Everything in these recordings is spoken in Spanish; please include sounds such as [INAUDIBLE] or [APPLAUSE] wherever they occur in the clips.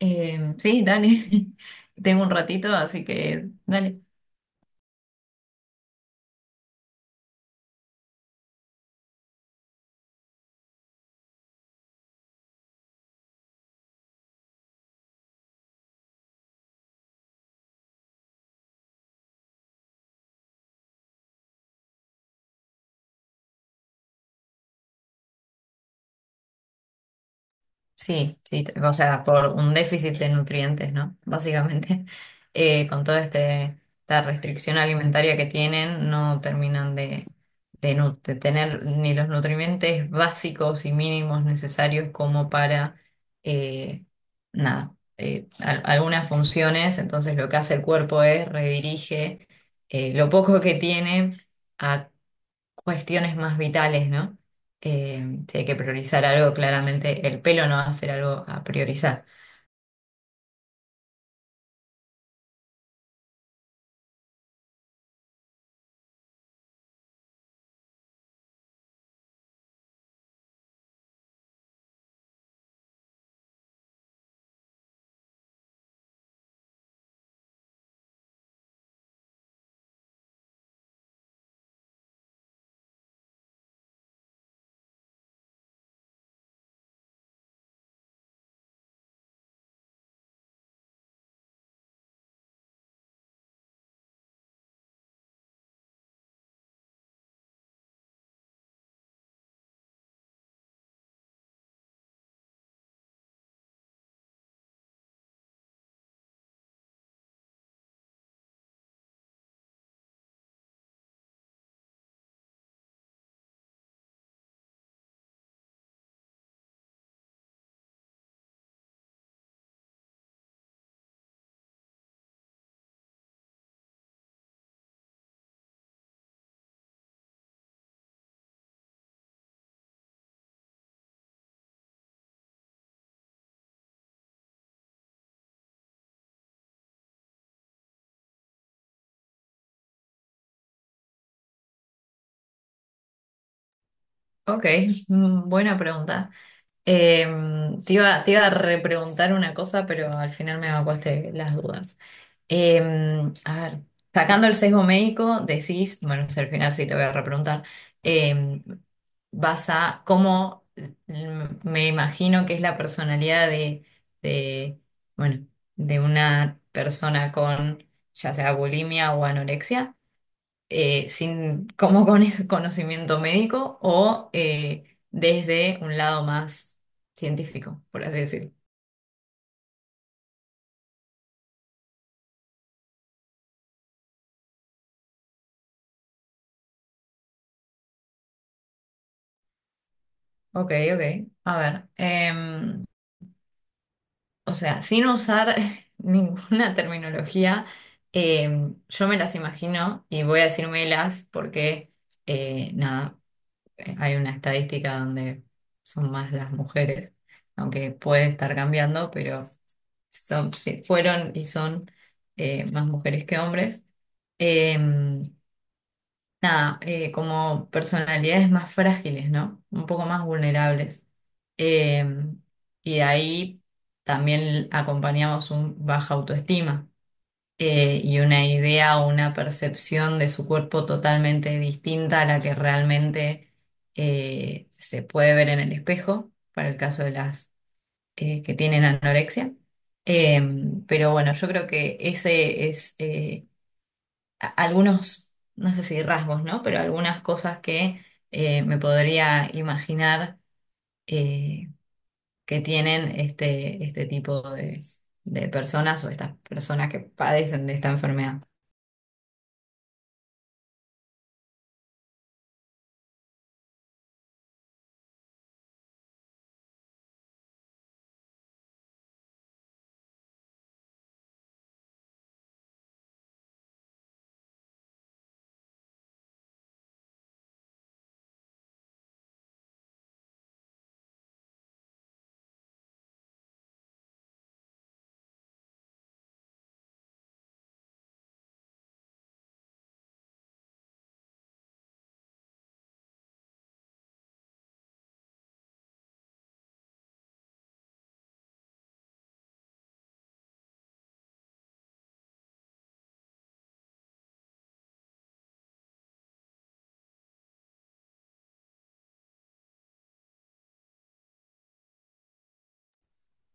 Sí, dale. [LAUGHS] Tengo un ratito, así que dale. Sí, sí, o sea, por un déficit de nutrientes, ¿no? Básicamente, [LAUGHS] con esta restricción alimentaria que tienen, no terminan de tener ni los nutrientes básicos y mínimos necesarios como para, eh, nada, al- algunas funciones. Entonces, lo que hace el cuerpo es redirige lo poco que tiene. Cuestiones más vitales, ¿no? Si hay que priorizar algo, claramente el pelo no va a ser algo a priorizar. Ok, mm, buena pregunta. Eh, te iba a repreguntar una cosa, pero al final me evacuaste las dudas. Eh, a ver, sacando el sesgo médico, decís, bueno, si al final sí te voy a repreguntar, em, vas a cómo mm, me imagino que es la personalidad de, bueno, de una persona con ya sea bulimia o anorexia, sin, como con ese conocimiento médico o desde un lado más científico, por así decirlo. Ok, ok. A ver. O sea, sin usar [LAUGHS] ninguna terminología, yo me las imagino y voy a decir melas porque, nada, hay una estadística donde son más las mujeres, aunque puede estar cambiando, pero son, sí, fueron y son más mujeres que hombres. Em, nada, Como personalidades más frágiles, ¿no? Un poco más vulnerables. Eh, y de ahí también acompañamos un baja autoestima y una idea o una percepción de su cuerpo totalmente distinta a la que realmente se puede ver en el espejo, para el caso de las que tienen anorexia. Eh, pero bueno, yo creo que ese es... algunos, no sé si rasgos, ¿no? Pero algunas cosas que me podría imaginar eh, que tienen este tipo de personas o estas personas que padecen de esta enfermedad.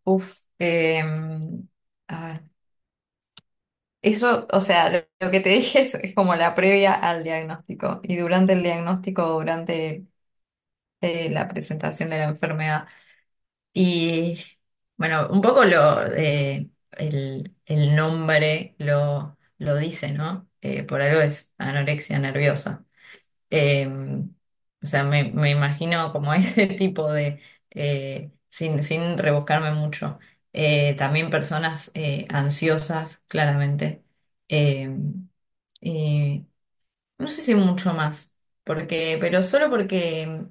Uf, eh, a ver. Eso, o sea, lo que te dije [LAUGHS] es como la previa al diagnóstico y durante el diagnóstico, durante la presentación de la enfermedad. Y bueno, un poco el nombre lo dice, ¿no? Por algo es anorexia nerviosa. Eh, o sea, me imagino como [LAUGHS] ese tipo de, sin rebuscarme mucho. También personas ansiosas, claramente. Eh, y no sé si mucho más, porque, pero solo porque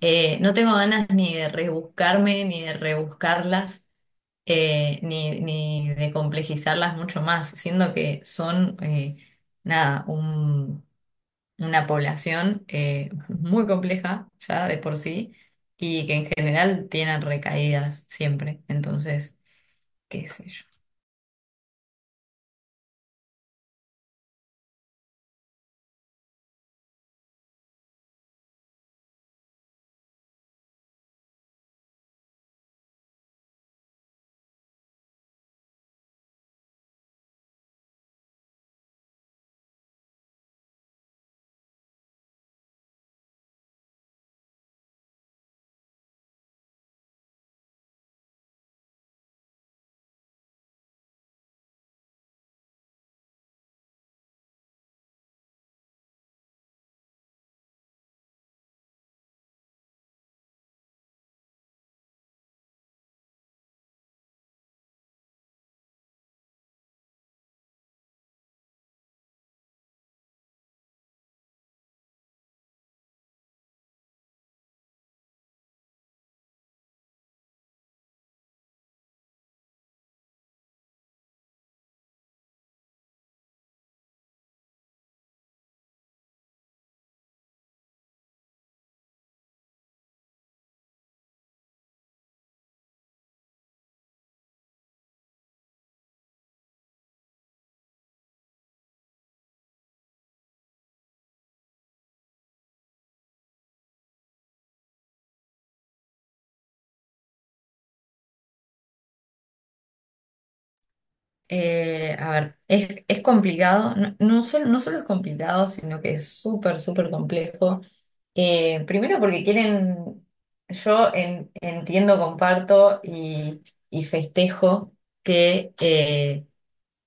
no tengo ganas ni de rebuscarme, ni de rebuscarlas, ni de complejizarlas mucho más, siendo que son, nada, un- una población [LAUGHS] muy compleja ya de por sí y que en general tienen recaídas siempre. Entonces, qué sé yo. A ver, es complicado, no solo es complicado, sino que es súper, súper complejo. Primero porque quieren, yo entiendo, comparto y festejo que,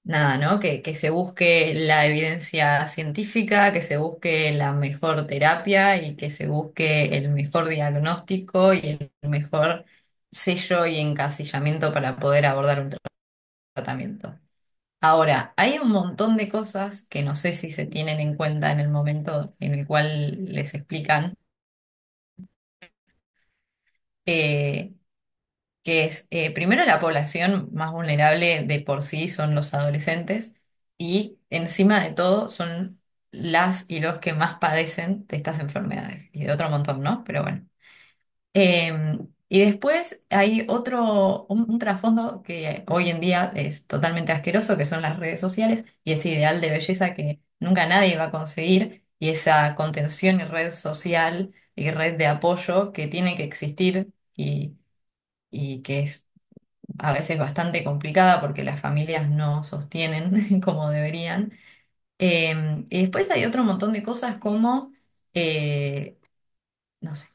nada, ¿no? Que se busque la evidencia científica, que se busque la mejor terapia y que se busque el mejor diagnóstico y el mejor sello y encasillamiento para poder abordar un tratamiento. Ahora, hay un montón de cosas que no sé si se tienen en cuenta en el momento en el cual les explican, eh, primero la población más vulnerable de por sí son los adolescentes y encima de todo son las y los que más padecen de estas enfermedades y de otro montón, ¿no? Pero bueno. Eh, y después hay un trasfondo que hoy en día es totalmente asqueroso, que son las redes sociales y ese ideal de belleza que nunca nadie va a conseguir y esa contención y red social y red de apoyo que tiene que existir y que es a veces bastante complicada porque las familias no sostienen [LAUGHS] como deberían. Y después hay otro montón de cosas como... eh, no sé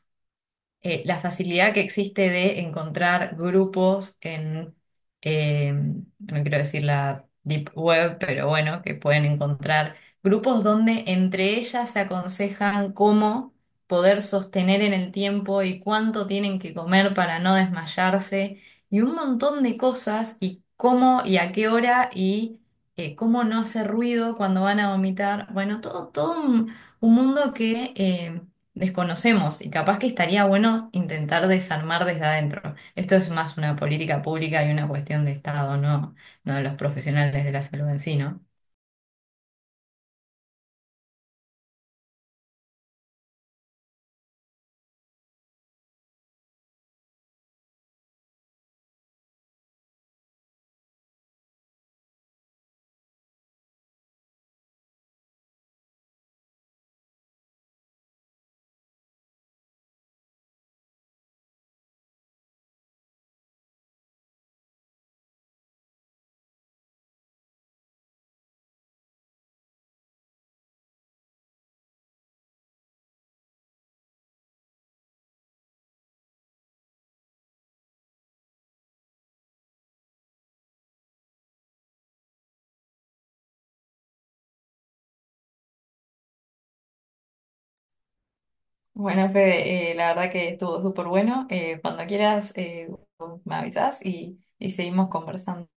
la facilidad que existe de encontrar grupos en, no quiero decir la deep web, pero bueno, que pueden encontrar grupos donde entre ellas se aconsejan cómo poder sostener en el tiempo y cuánto tienen que comer para no desmayarse y un montón de cosas y cómo y a qué hora y cómo no hacer ruido cuando van a vomitar. Bueno, todo un mundo que... desconocemos y capaz que estaría bueno intentar desarmar desde adentro. Esto es más una política pública y una cuestión de Estado, no de los profesionales de la salud en sí, ¿no? Bueno, Fede, la verdad que estuvo súper bueno. Cuando quieras, me avisas y seguimos conversando.